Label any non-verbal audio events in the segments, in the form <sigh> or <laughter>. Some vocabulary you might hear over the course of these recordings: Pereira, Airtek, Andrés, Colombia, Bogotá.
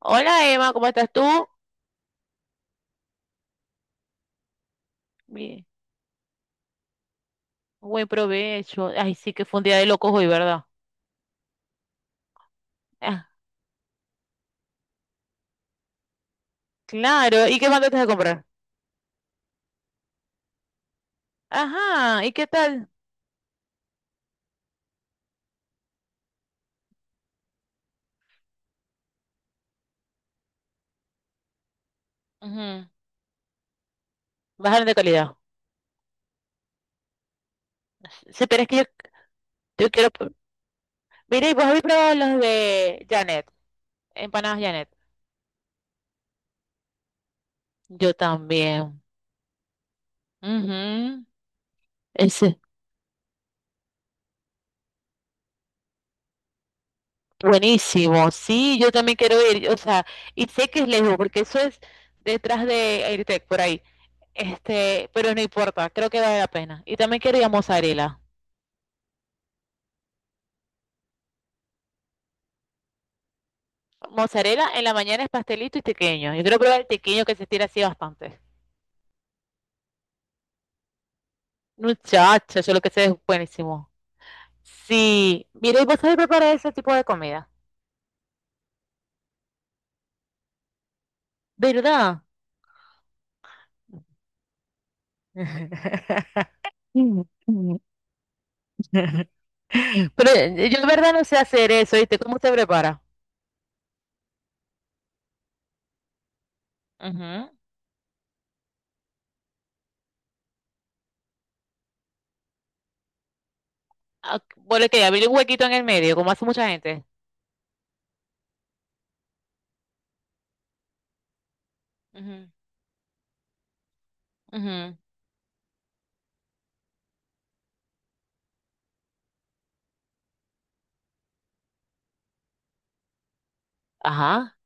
Hola Emma, ¿cómo estás tú? Bien, buen provecho. Ay, sí que fue un día de locos hoy, ¿verdad? Ah, claro, ¿y qué mandaste a comprar? Ajá, ¿y qué tal? Ujú. Bajaron de calidad. Sí, pero es que yo quiero... pr- Mira, ¿y vos habéis probado los de Janet? Empanadas Janet. Yo también. Ujú. Ese. Buenísimo, sí, yo también quiero ir. O sea, y sé que es lejos, porque eso es detrás de Airtek, por ahí. Pero no importa, creo que vale la pena. Y también quería mozzarella. Mozzarella en la mañana es pastelito y tequeño. Yo quiero probar el tequeño que se estira así bastante. Muchacha, yo lo que sé es buenísimo. Sí, mire, ¿y vos sabés preparar ese tipo de comida? ¿Verdad? <laughs> Pero yo de verdad no sé hacer eso, ¿viste? ¿Cómo usted prepara? Ujú. Ah, bueno, que abrir un huequito en el medio, como hace mucha gente. Ujú, ujú. Ajá.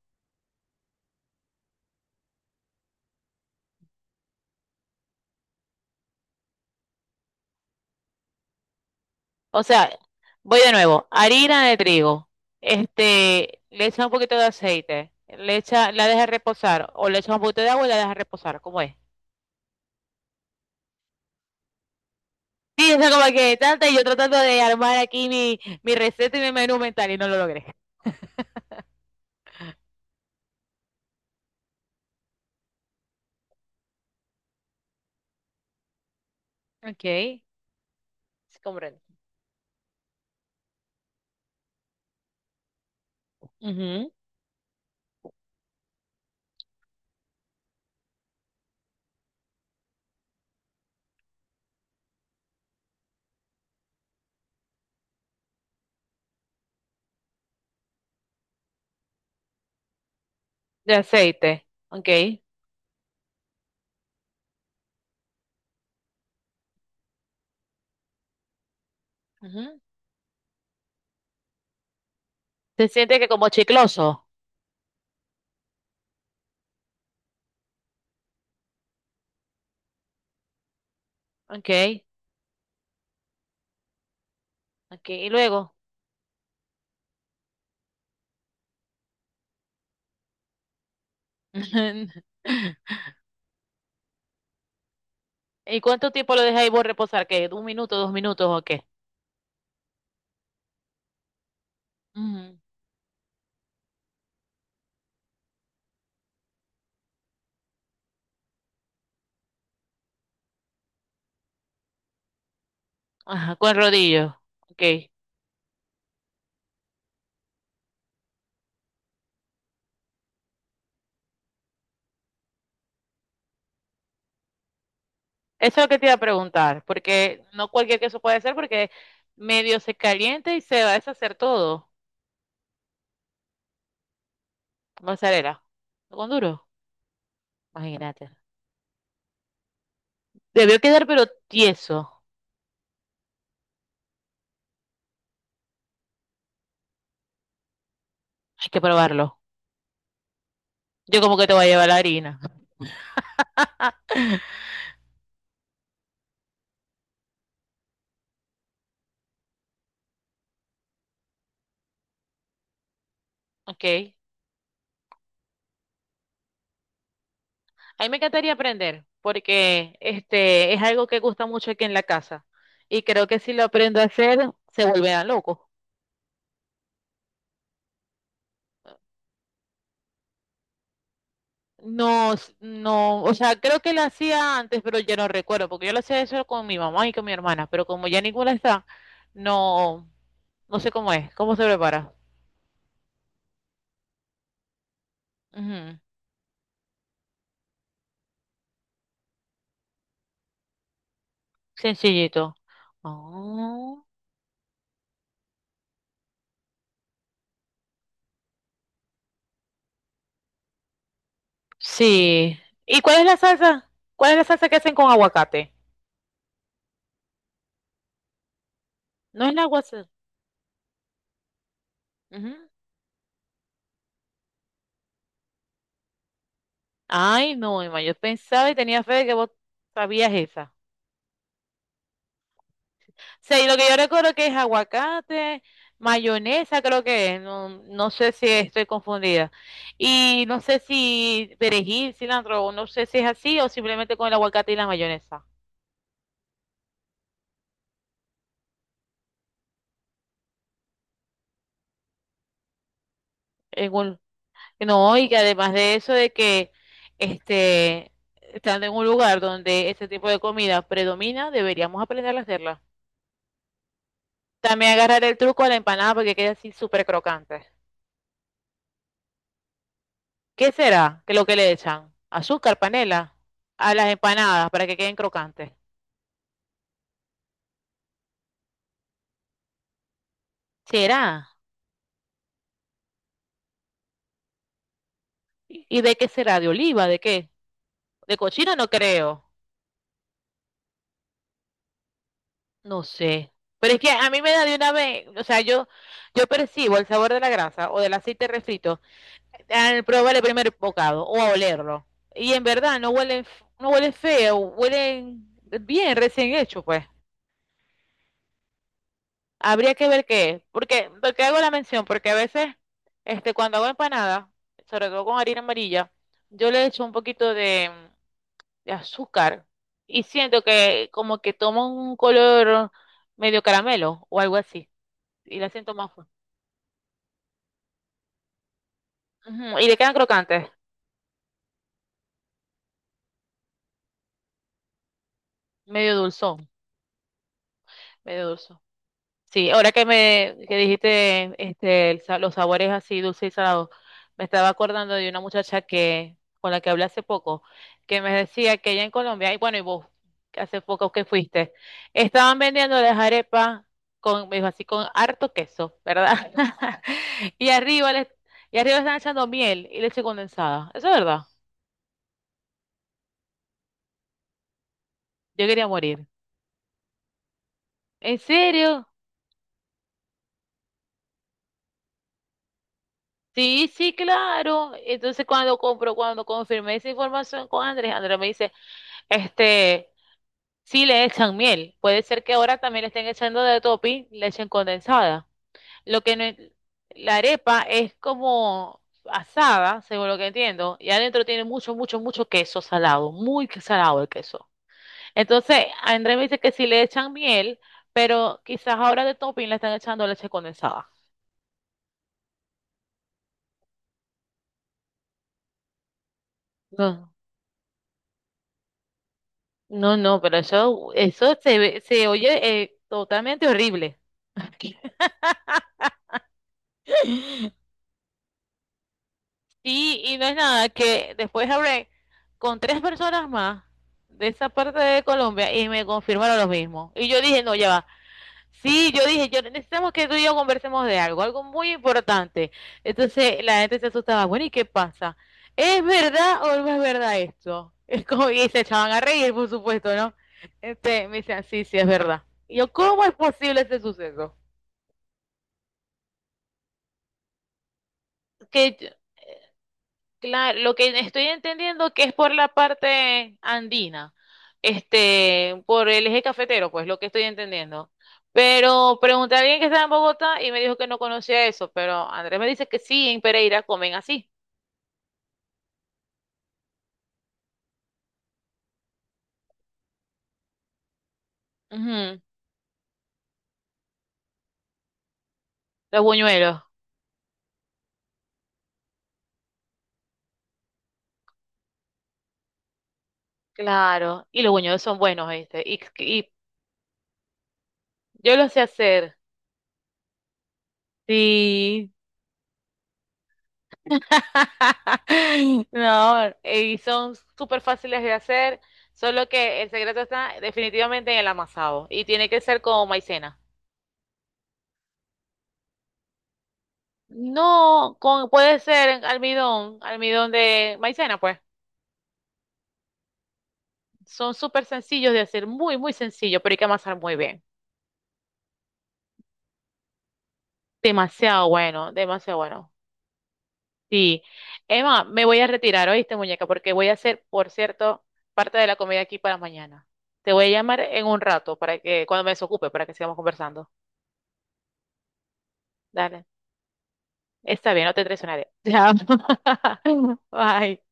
O sea, voy de nuevo. Harina de trigo. Le echa un poquito de aceite. Le echa, la deja reposar. O le echa un poquito de agua y la deja reposar. ¿Cómo es? Sí, eso como que tanta y yo tratando de armar aquí mi receta y mi menú mental y no lo logré. <laughs> Ok, sí comprendo. Ujú. De aceite. Ok. Ujú. Se siente que como chicloso. Ok, ok. Y luego. <laughs> ¿Y cuánto tiempo lo deja ahí vos reposar? ¿Qué? ¿Un minuto, dos minutos o qué? Ujú. Ajá, con rodillo. Ok. Eso es lo que te iba a preguntar, porque no cualquier queso puede ser, porque medio se calienta y se va a deshacer todo. Mozzarella. Con duro. Imagínate. Debió quedar, pero tieso. Hay que probarlo. Yo como que te voy a llevar la harina. Ok. A mí me encantaría aprender, porque este es algo que gusta mucho aquí en la casa. Y creo que si lo aprendo a hacer, se volverán locos. No, s- no, o sea, creo que la hacía antes, pero ya no recuerdo, porque yo lo hacía eso con mi mamá y con mi hermana, pero como ya ninguna está, no, no sé cómo es, cómo se prepara. Ujú. Sencillito. Oh, sí. ¿Y cuál es la salsa? ¿Cuál es la salsa que hacen con aguacate? No es la guasa. Ujú. Ay, no, Emma, yo pensaba y tenía fe de que vos sabías esa. Sea, y lo que yo recuerdo que es aguacate, mayonesa, creo que es, no, no sé si estoy confundida. Y no sé si perejil, cilantro, o no sé si es así o simplemente con el aguacate y la mayonesa. En un- no, y que además de eso de que este, estando en un lugar donde ese tipo de comida predomina, deberíamos aprender a hacerla. También agarrar el truco a la empanada porque queda así súper crocante. ¿Qué será que lo que le echan? Azúcar, panela, a las empanadas para que queden crocantes. ¿Será? ¿Y de qué será? ¿De oliva? ¿De qué? ¿De cochino? No creo. No sé. Pero es que a mí me da de una vez, o sea, yo percibo el sabor de la grasa o del aceite refrito al probar el primer bocado o a olerlo. Y en verdad no huelen, f- no huelen feo, huelen bien, recién hecho, pues. Habría que ver qué es. Porque, porque hago la mención, porque a veces, cuando hago empanada, sobre todo con harina amarilla, yo le echo un poquito de azúcar y siento que como que toma un color medio caramelo o algo así y la siento más fuerte. Ujú. Y le quedan crocantes, medio dulzón, medio dulzón. Sí, ahora que me que dijiste el sa- los sabores así dulce y salado, me estaba acordando de una muchacha que con la que hablé hace poco, que me decía que allá en Colombia, y bueno, y vos, que hace poco que fuiste, estaban vendiendo las arepas con, me dijo así, con harto queso, ¿verdad? <laughs> Y arriba les, y arriba están echando miel y leche condensada. Eso es verdad. Yo quería morir. ¿En serio? Sí, sí, claro. Entonces cuando compro, cuando confirmé esa información con Andrés, Andrés me dice Este, sí le echan miel. Puede ser que ahora también le estén echando de topping leche condensada. Lo que no en- la arepa es como asada, según lo que entiendo, y adentro tiene mucho, mucho, mucho queso salado, muy que- salado el queso. Entonces, Andrés me dice que sí le echan miel, pero quizás ahora de topping le están echando leche condensada. No, no, no, pero eso se ve- se oye totalmente horrible. <laughs> Y, y no es nada, que después hablé con tres personas más de esa parte de Colombia y me confirmaron lo mismo. Y yo dije, no, ya va. Sí, yo dije, yo necesitamos que tú y yo conversemos de algo, algo muy importante. Entonces la gente se asustaba, bueno, ¿y qué pasa? ¿Es verdad o no es verdad esto? <laughs> Es como, y se echaban a reír, por supuesto, ¿no? Me decían, sí, sí, es verdad. Y yo, ¿cómo es posible ese suceso? Que yo- claro, lo que estoy entendiendo que es por la parte andina, por el eje cafetero, pues lo que estoy entendiendo. Pero pregunté a alguien que estaba en Bogotá y me dijo que no conocía eso, pero Andrés me dice que sí, en Pereira comen así. Ujú. Los buñuelos, claro, y los buñuelos son buenos, ¿viste? Y yo los sé hacer. Sí, <laughs> no, y son súper fáciles de hacer, solo que el secreto está definitivamente en el amasado y tiene que ser con maicena. No, con, puede ser en almidón, almidón de maicena, pues. Son súper sencillos de hacer, muy, muy sencillo, pero hay que amasar muy bien. Demasiado bueno, demasiado bueno. Sí. Emma, me voy a retirar, ¿oíste, muñeca? Porque voy a hacer, por cierto, parte de la comida aquí para mañana. Te voy a llamar en un rato para que, cuando me desocupe, para que sigamos conversando. Dale. Está bien, no te traicionaré. <laughs> Te amo. <laughs> Bye.